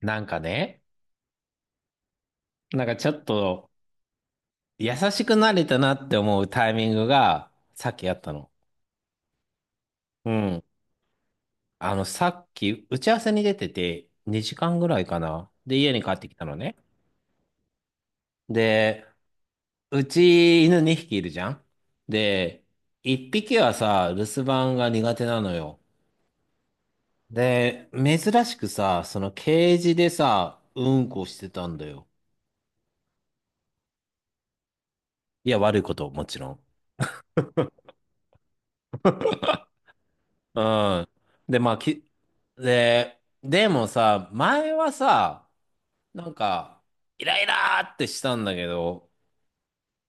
なんかね、なんかちょっと優しくなれたなって思うタイミングがさっきあったの。うん。さっき打ち合わせに出てて2時間ぐらいかな。で、家に帰ってきたのね。で、うち犬2匹いるじゃん。で、1匹はさ、留守番が苦手なのよ。で、珍しくさ、そのケージでさ、うんこしてたんだよ。いや、悪いこと、もちろん。うん。で、まあ、でもさ、前はさ、なんか、イライラーってしたんだけど、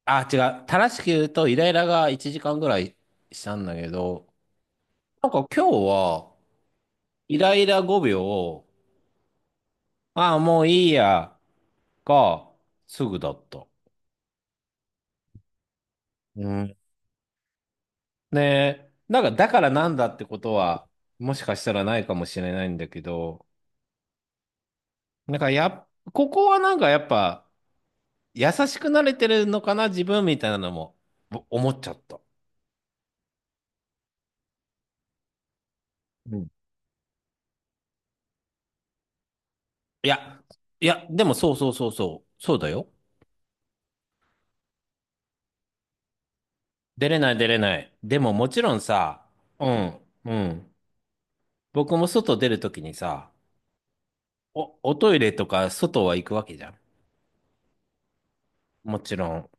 あ、違う。正しく言うと、イライラが1時間ぐらいしたんだけど、なんか今日は、イライラ5秒を、ああ、もういいや、が、すぐだった。うん。ねなんか、だからなんだってことは、もしかしたらないかもしれないんだけど、なんかやっ、ここはなんかやっぱ、優しくなれてるのかな、自分みたいなのも思っちゃった。うん。いや、でもそうだよ。出れない。でももちろんさ、うん、うん。僕も外出るときにさ、おトイレとか外は行くわけじゃん。もちろん。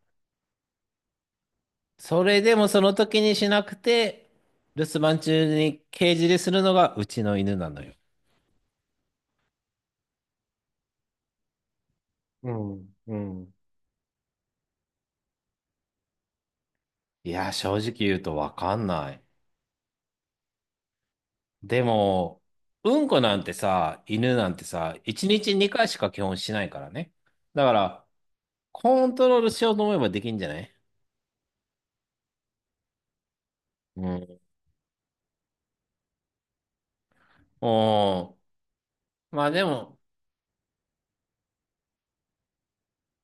それでもその時にしなくて、留守番中にケージでするのがうちの犬なのよ。うん、うん。いや、正直言うとわかんない。でも、うんこなんてさ、犬なんてさ、1日2回しか基本しないからね。だから、コントロールしようと思えばできんじゃない？うん。おー。まあでも、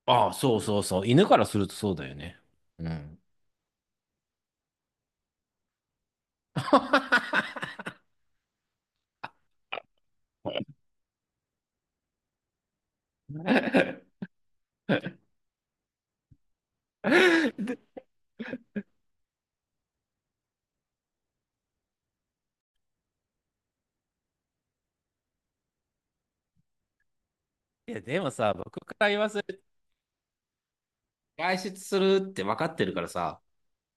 ああ、そうそうそう。犬からするとそうだよね。うん。いや、でもさ、僕から言わせると、外出するって分かってるからさ、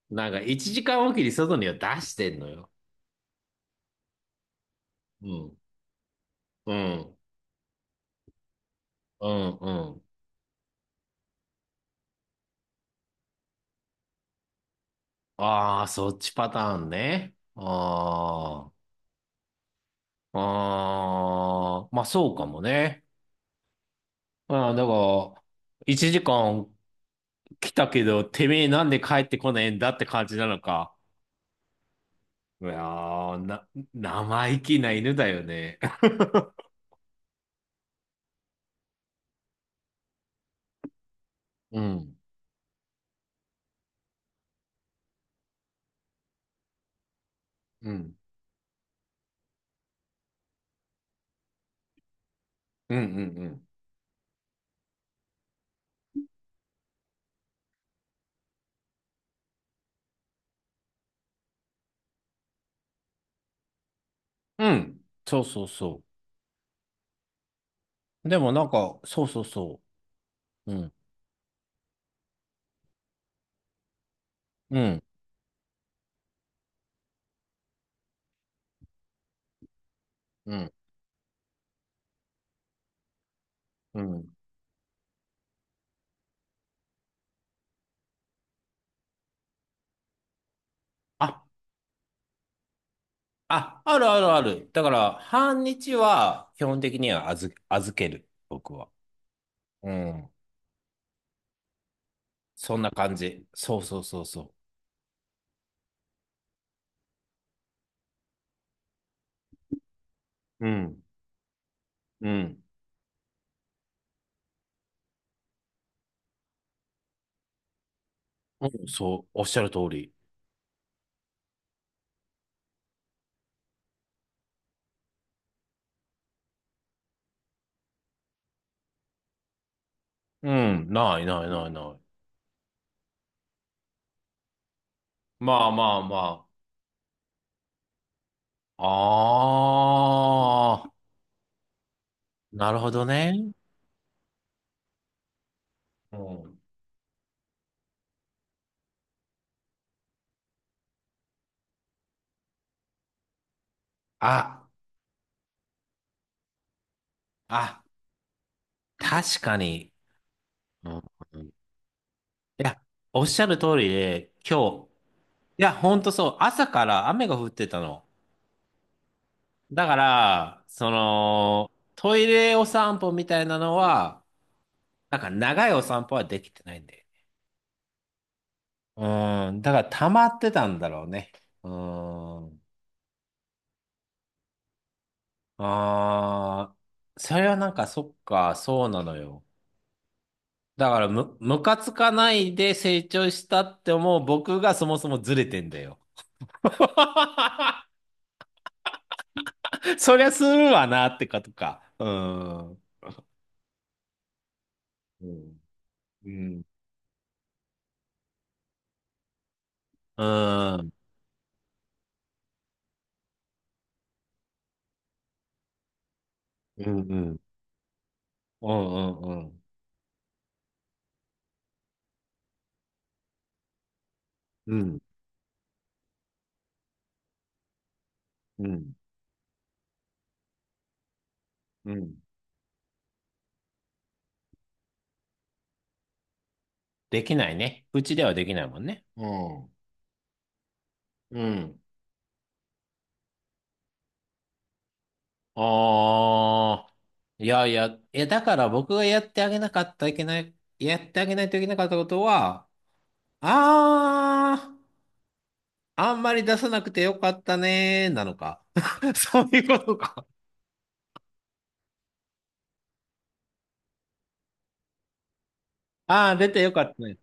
なんか1時間おきに外には出してんのよ。うん。うん。うん。うん。ああ、そっちパターンね。ああ、まあそうかもね。ああ、だから、1時間来たけど、てめえなんで帰ってこないんだって感じなのか。いやー、生意気な犬だよね。うん、うん、うん、うん、うん。うんそうそうそう。でもなんか、そうそうそう。うん、うん、うん、うん。ああ、あるあるある。だから、半日は基本的には預ける、僕は。うん。そんな感じ。そうそうそうそう。うん。うん。うんそう、おっしゃる通り。うん。ない。まあまあまあ。ああ、なるほどね。うん。あ、あ、確かに。うん。うん。いや、おっしゃる通りで、今日、いや、ほんとそう、朝から雨が降ってたの。だから、その、トイレお散歩みたいなのは、なんか長いお散歩はできてないんで。うーん、だから溜まってたんだろうね。うーん。あー、それはなんかそっか、そうなのよ。だからムカつかないで成長したって思う僕がそもそもずれてんだよ。そりゃするわなってかとか。うーん。うん。うん。うん。うん。うん。うん。うん。うん。うん。うん。うん。できないね。うちではできないもんね。うん。うん。ああ。いや、だから僕がやってあげなかったいけない、やってあげないといけなかったことは、ああんまり出さなくてよかったねー、なのか。そういうことか。ああ、出てよかったね。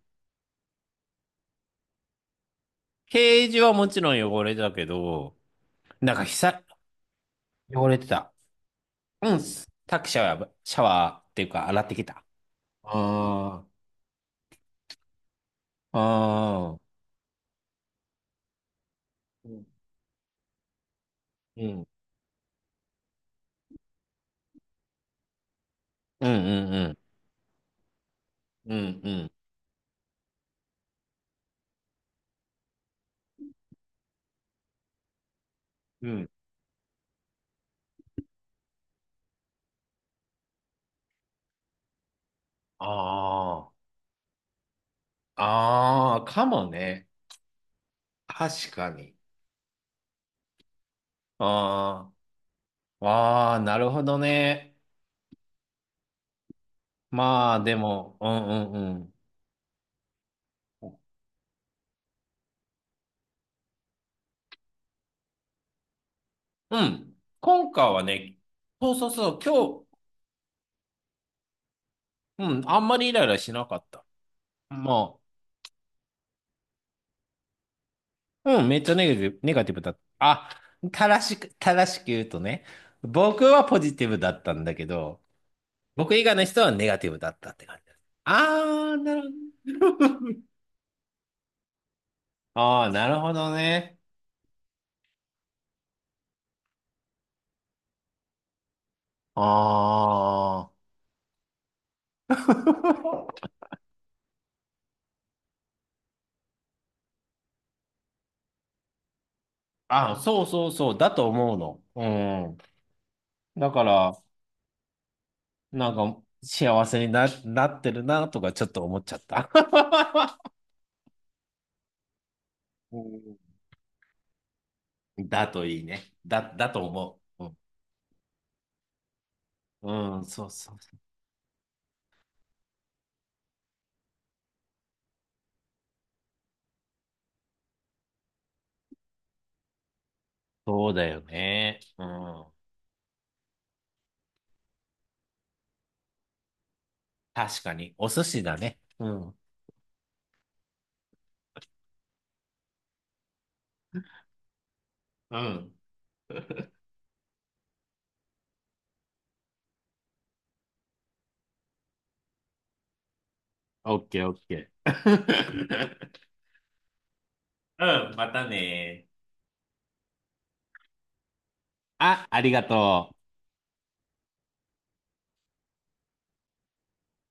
ケージはもちろん汚れてたけど、なんか久、汚れてた。うん、タクシャは、シャワーっていうか洗ってきた。ああ、ああ。うん。うんうんうん。うんうん。うん。ああ。ああ、かもね。確かに。ああ。ああ、なるほどね。まあ、でも、うんうんうん。うん。今回はね、そうそうそう、今日、うん、あんまりイライラしなかった。まあ、うん、めっちゃネガティブ、ネガティブだった。あ、正しく言うとね、僕はポジティブだったんだけど、僕以外の人はネガティブだったって感じです。ああ、なるほど。ああ、なるほどね。ああ。 あ、そうそうそう、だと思うの。うん。だから、なんか、幸せにな、なってるなとかちょっと思っちゃった。うん。だといいね。だと思う。うん、うん、そうそうそう。そうだよね。うん。確かに。お寿司だね。うん。うん。オッケーオッケー。うん、またね。ありがとう。